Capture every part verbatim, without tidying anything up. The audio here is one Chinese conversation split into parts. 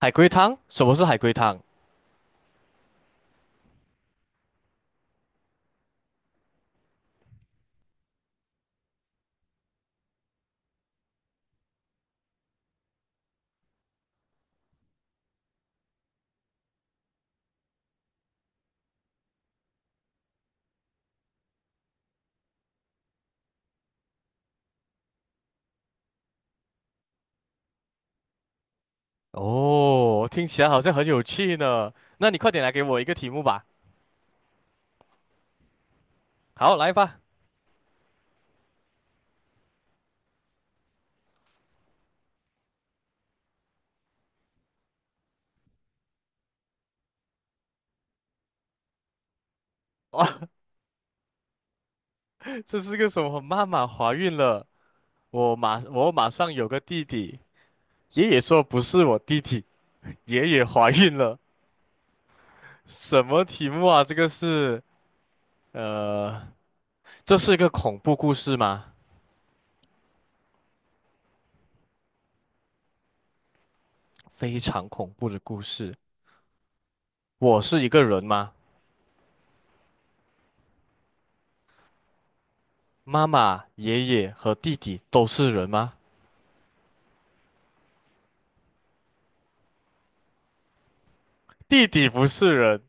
海龟汤？什么是海龟汤？哦，听起来好像很有趣呢。那你快点来给我一个题目吧。好，来吧。哇，这是个什么？妈妈怀孕了，我马我马上有个弟弟。爷爷说不是我弟弟，爷爷怀孕了。什么题目啊？这个是呃，这是一个恐怖故事吗？非常恐怖的故事。我是一个人吗？妈妈、爷爷和弟弟都是人吗？弟弟不是人，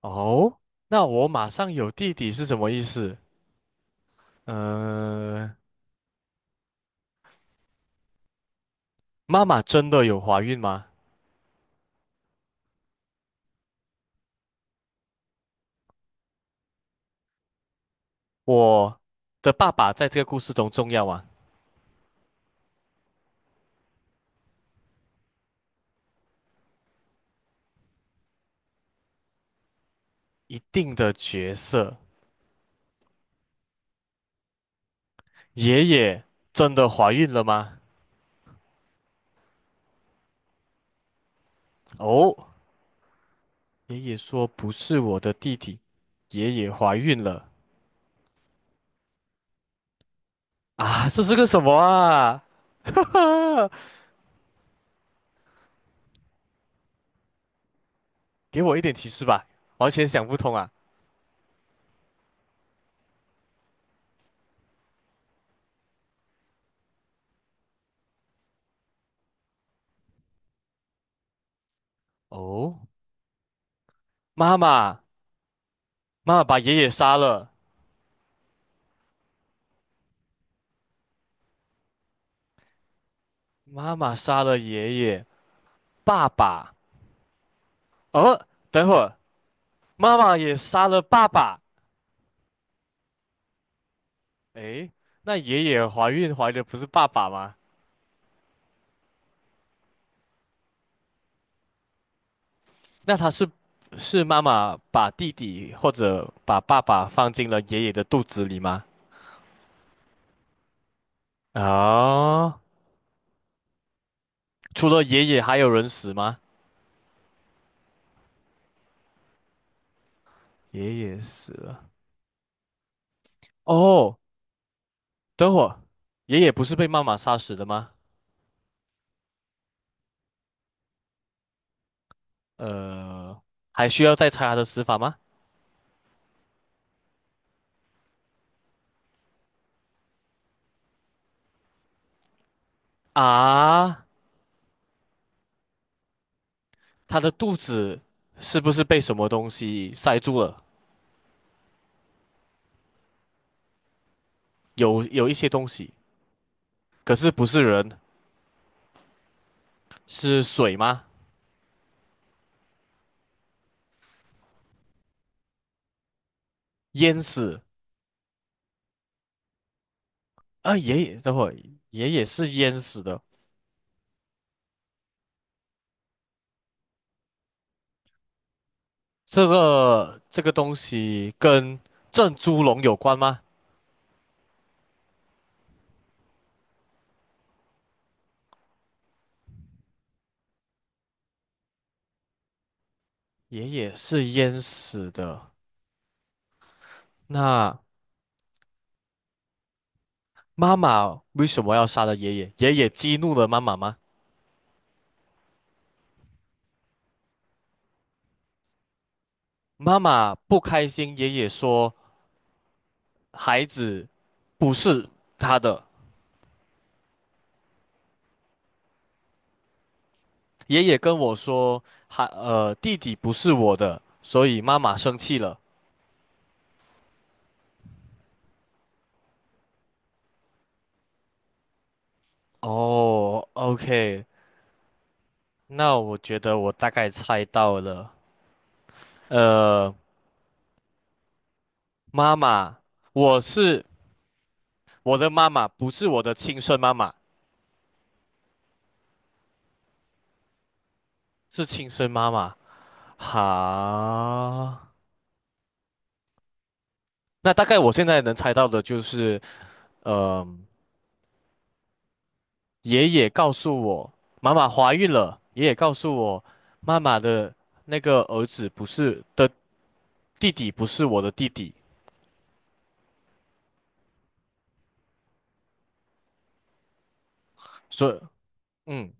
哦，那我马上有弟弟是什么意思？呃，妈妈真的有怀孕吗？我的爸爸在这个故事中重要吗？一定的角色。爷爷真的怀孕了吗？哦，爷爷说不是我的弟弟，爷爷怀孕了啊！这是个什么啊？哈哈，给我一点提示吧，完全想不通啊。哦，妈妈，妈妈把爷爷杀了，妈妈杀了爷爷，爸爸。哦，等会儿，妈妈也杀了爸爸。诶，那爷爷怀孕怀的不是爸爸吗？那他是是妈妈把弟弟或者把爸爸放进了爷爷的肚子里吗？啊、除了爷爷还有人死吗？爷爷死了。哦，等会儿，爷爷不是被妈妈杀死的吗？呃，还需要再查他的死法吗？啊，他的肚子是不是被什么东西塞住了？有有一些东西。可是不是人，是水吗？淹死啊！爷爷，等会儿爷爷是淹死的。这个这个东西跟郑猪笼有关吗？爷爷是淹死的。那妈妈为什么要杀了爷爷？爷爷激怒了妈妈吗？妈妈不开心，爷爷说孩子不是他的。爷爷跟我说，孩呃弟弟不是我的，所以妈妈生气了。哦，OK，那我觉得我大概猜到了，呃，妈妈，我是我的妈妈，不是我的亲生妈妈，是亲生妈妈。好，那大概我现在能猜到的就是，呃，爷爷告诉我妈妈怀孕了，爷爷告诉我妈妈的那个儿子不是的弟弟不是我的弟弟，所以嗯，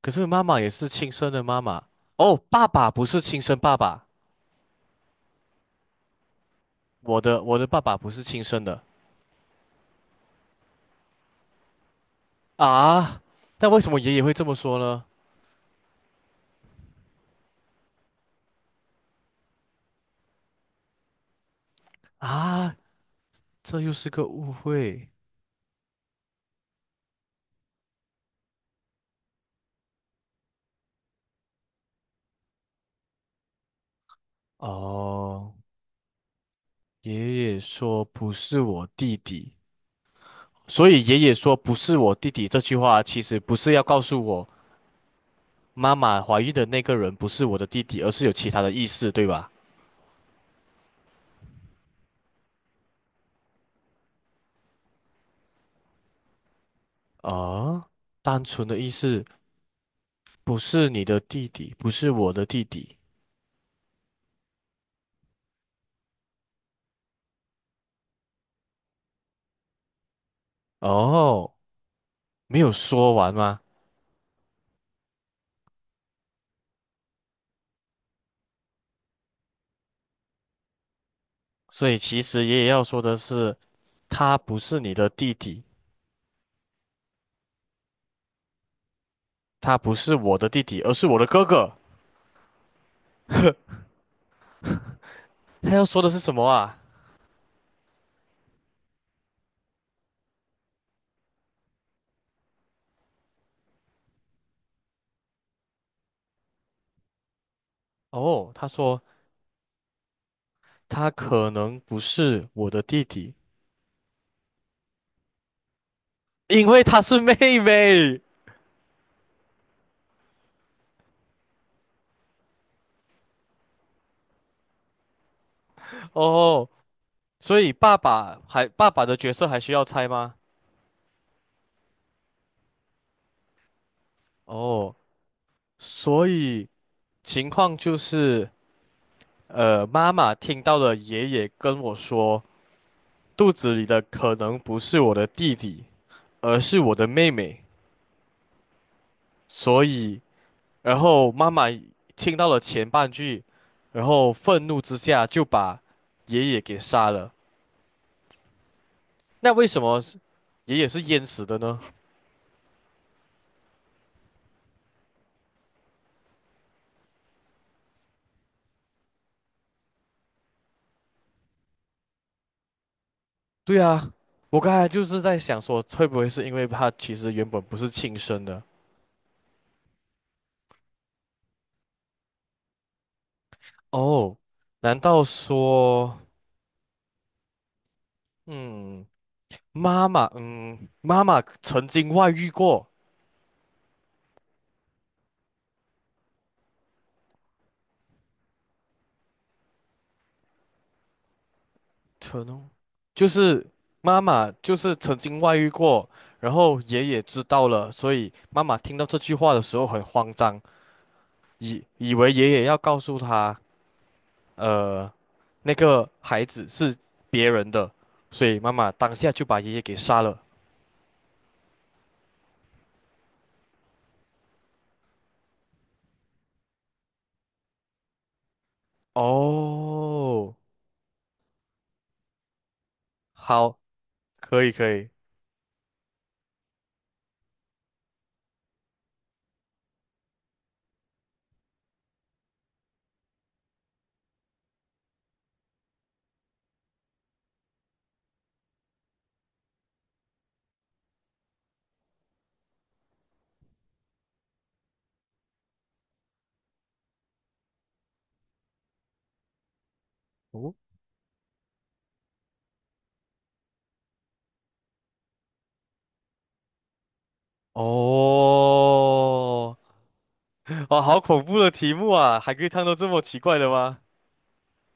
可是妈妈也是亲生的妈妈，哦，爸爸不是亲生爸爸。我的我的爸爸不是亲生的啊，但为什么爷爷会这么说呢？啊，这又是个误会哦。爷爷说不是我弟弟，所以爷爷说不是我弟弟这句话其实不是要告诉我妈妈怀孕的那个人不是我的弟弟，而是有其他的意思，对吧？啊，单纯的意思不是你的弟弟，不是我的弟弟。哦，没有说完吗？所以其实爷爷要说的是。他不是你的弟弟，他不是我的弟弟，而是我的哥哥。他要说的是什么啊？哦，他说他可能不是我的弟弟，因为他是妹妹。哦，所以爸爸还爸爸的角色还需要猜吗？哦，所以情况就是，呃，妈妈听到了爷爷跟我说，肚子里的可能不是我的弟弟，而是我的妹妹，所以。然后妈妈听到了前半句，然后愤怒之下就把爷爷给杀了。那为什么是爷爷是淹死的呢？对啊，我刚才就是在想说，会不会是因为他其实原本不是亲生的？哦，难道说，嗯，妈妈，嗯，妈妈曾经外遇过，曾，就是妈妈就是曾经外遇过，然后爷爷知道了，所以妈妈听到这句话的时候很慌张。以以为爷爷要告诉他，呃，那个孩子是别人的，所以妈妈当下就把爷爷给杀了。哦，好，可以可以。哦，哦，哇，好恐怖的题目啊！还可以看到这么奇怪的吗？